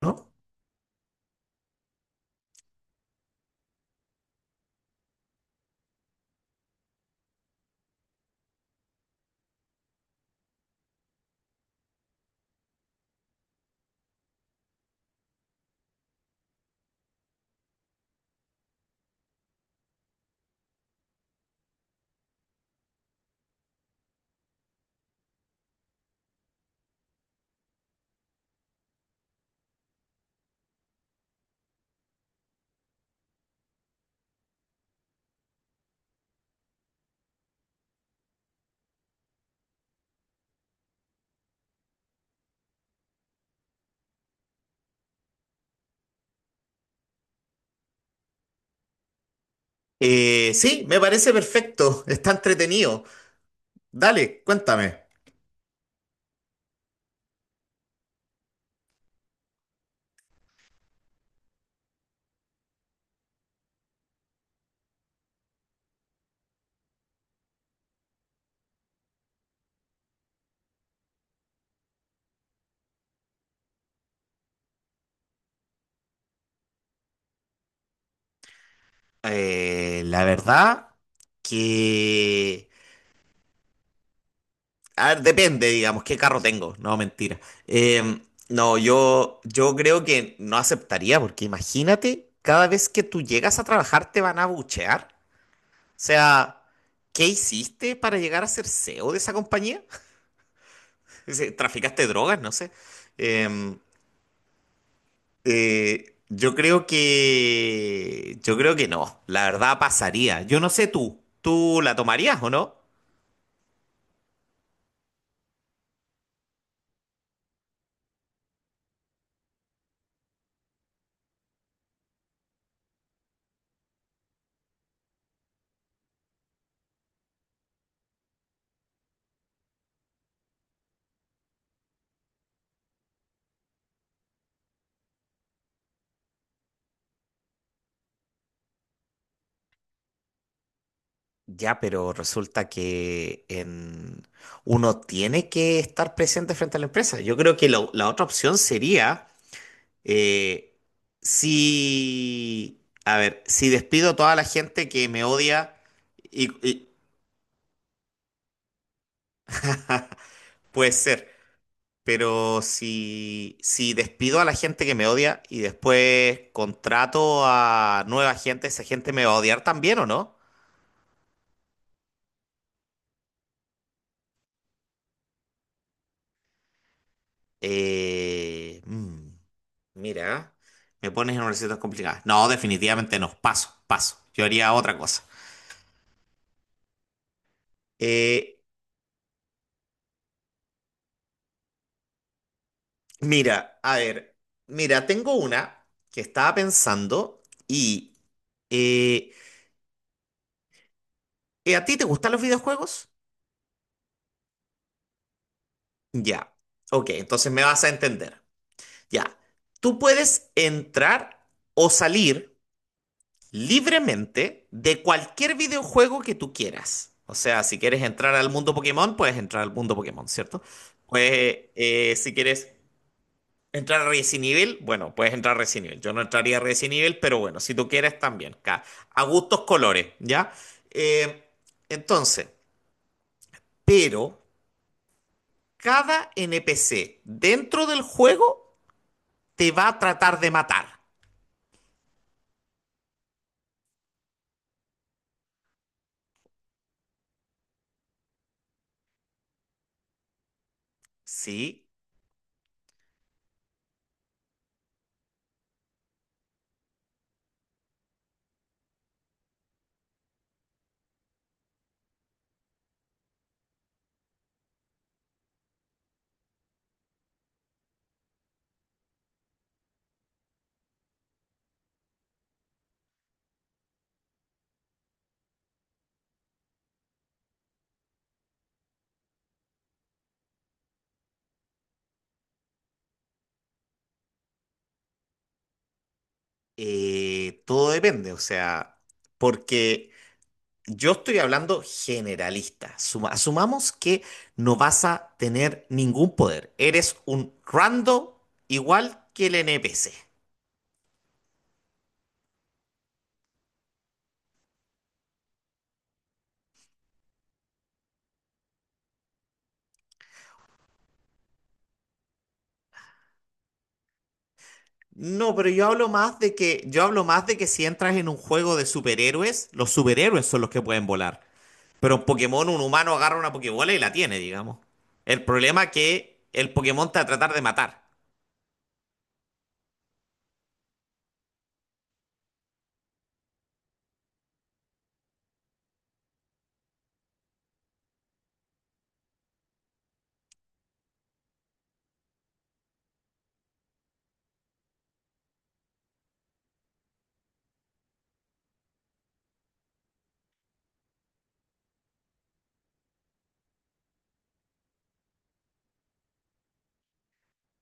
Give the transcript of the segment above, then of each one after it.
¿No? Sí, me parece perfecto, está entretenido. Dale, cuéntame. La verdad que... A ver, depende, digamos, qué carro tengo. No, mentira. Eh, no, yo creo que no aceptaría, porque imagínate, cada vez que tú llegas a trabajar te van a buchear. O sea, ¿qué hiciste para llegar a ser CEO de esa compañía? ¿Traficaste drogas? No sé. Em, yo creo que no, la verdad pasaría. Yo no sé tú, ¿tú la tomarías o no? Ya, pero resulta que uno tiene que estar presente frente a la empresa. Yo creo que la otra opción sería, eh, si, a ver, si despido a toda la gente que me odia y, y- puede ser. Pero si, si despido a la gente que me odia y después contrato a nueva gente, ¿esa gente me va a odiar también o no? Eh, mm, mira, me pones en una situación complicada. No, definitivamente no. Paso, paso. Yo haría otra cosa. Eh, mira, a ver. Mira, tengo una que estaba pensando y... eh, ¿a ti te gustan los videojuegos? Ya. Ok, entonces me vas a entender. Ya, tú puedes entrar o salir libremente de cualquier videojuego que tú quieras. O sea, si quieres entrar al mundo Pokémon, puedes entrar al mundo Pokémon, ¿cierto? Pues si quieres entrar a Resident Evil, bueno, puedes entrar a Resident Evil. Yo no entraría a Resident Evil, pero bueno, si tú quieres también. A gustos colores, ¿ya? Eh, entonces, pero cada NPC dentro del juego te va a tratar de matar. ¿Sí? Todo depende, o sea, porque yo estoy hablando generalista. Asumamos que no vas a tener ningún poder. Eres un rando igual que el NPC. No, pero yo hablo más de que, yo hablo más de que si entras en un juego de superhéroes, los superhéroes son los que pueden volar. Pero en Pokémon un humano agarra una Pokébola y la tiene, digamos. El problema es que el Pokémon te va a tratar de matar.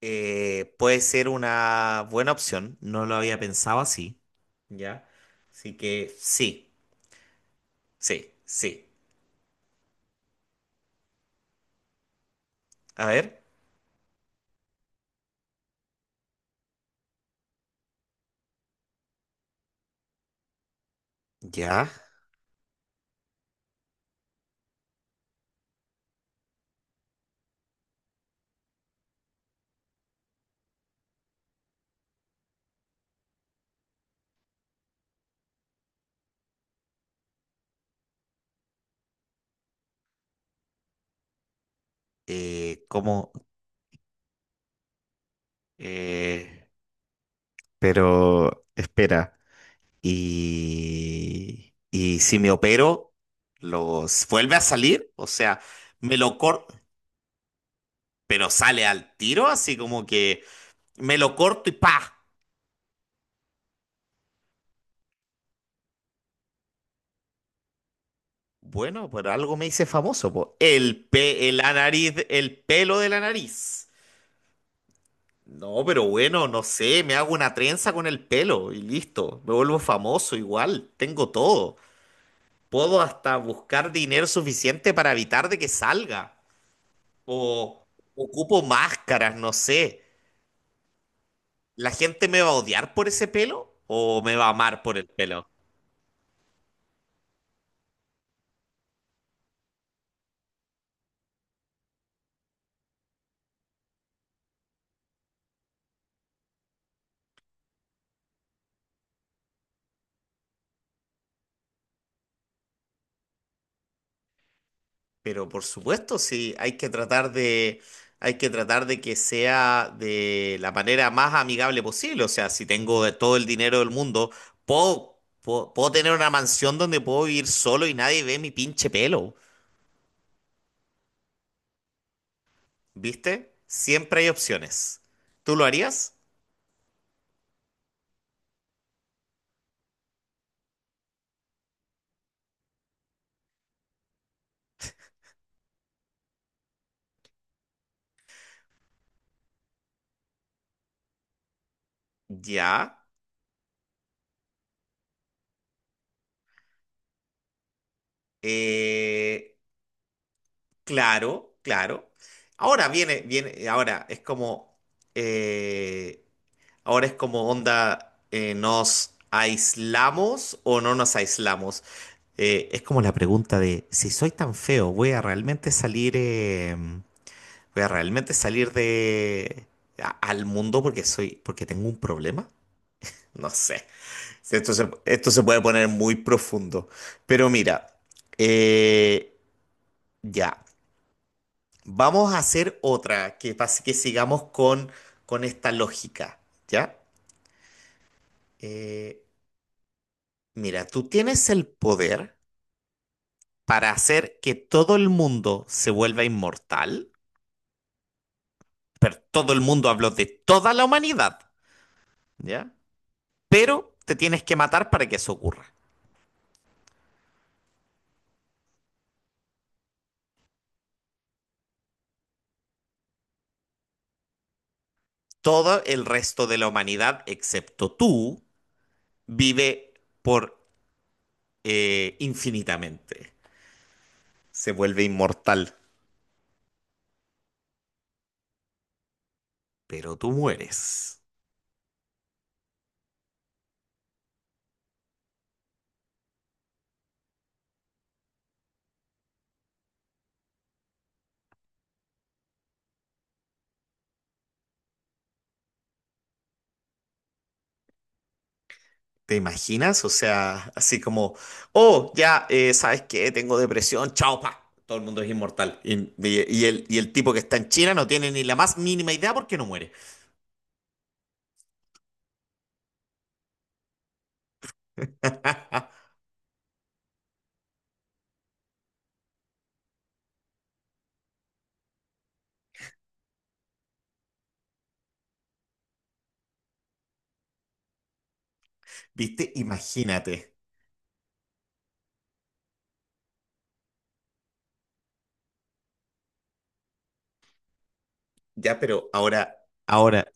Puede ser una buena opción, no lo había pensado así, ¿ya? Así que sí, sí, sí. A ver, ya, ¿eh, cómo? Eh, pero espera, y si me opero, ¿los vuelve a salir? O sea, me lo corto, pero sale al tiro, así como que me lo corto y ¡pa! Bueno, por algo me hice famoso, po. El pe, la nariz, el pelo de la nariz. No, pero bueno, no sé, me hago una trenza con el pelo y listo. Me vuelvo famoso igual, tengo todo. Puedo hasta buscar dinero suficiente para evitar de que salga. O ocupo máscaras, no sé. ¿La gente me va a odiar por ese pelo o me va a amar por el pelo? Pero por supuesto, sí, hay que tratar de, hay que tratar de que sea de la manera más amigable posible. O sea, si tengo de todo el dinero del mundo, puedo tener una mansión donde puedo vivir solo y nadie ve mi pinche pelo. ¿Viste? Siempre hay opciones. ¿Tú lo harías? Ya. Eh, claro, claro. Ahora ahora es como, eh, Ahora es como onda, ¿eh, nos aislamos o no nos aislamos? Es como la pregunta de, si soy tan feo, ¿voy a realmente salir, voy a realmente salir de, al mundo porque soy, porque tengo un problema? No sé. Esto se puede poner muy profundo. Pero mira, eh, ya. Vamos a hacer otra que, que sigamos con esta lógica, ¿ya? Eh, mira, tú tienes el poder para hacer que todo el mundo se vuelva inmortal, pero todo el mundo habló de toda la humanidad, ¿ya? Pero te tienes que matar para que eso ocurra. Todo el resto de la humanidad, excepto tú, vive por infinitamente. Se vuelve inmortal, pero tú mueres. ¿Te imaginas? O sea, así como, oh, ya, ¿sabes qué? Tengo depresión, chao, pa. Todo el mundo es inmortal. Y el tipo que está en China no tiene ni la más mínima idea porque no muere. ¿Viste? Imagínate. Ya, pero ahora, ahora,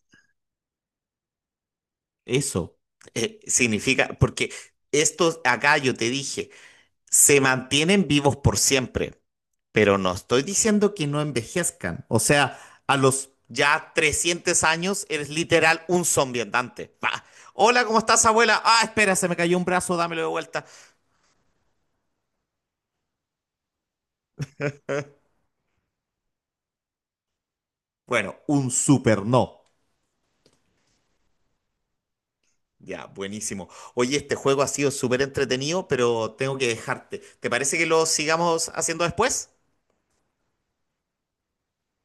eso significa, porque estos acá yo te dije, se mantienen vivos por siempre. Pero no estoy diciendo que no envejezcan. O sea, a los ya 300 años eres literal un zombie andante. Pa. Hola, ¿cómo estás, abuela? Ah, espera, se me cayó un brazo, dámelo de vuelta. Bueno, un super no. Ya, buenísimo. Oye, este juego ha sido súper entretenido, pero tengo que dejarte. ¿Te parece que lo sigamos haciendo después?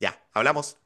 Ya, hablamos.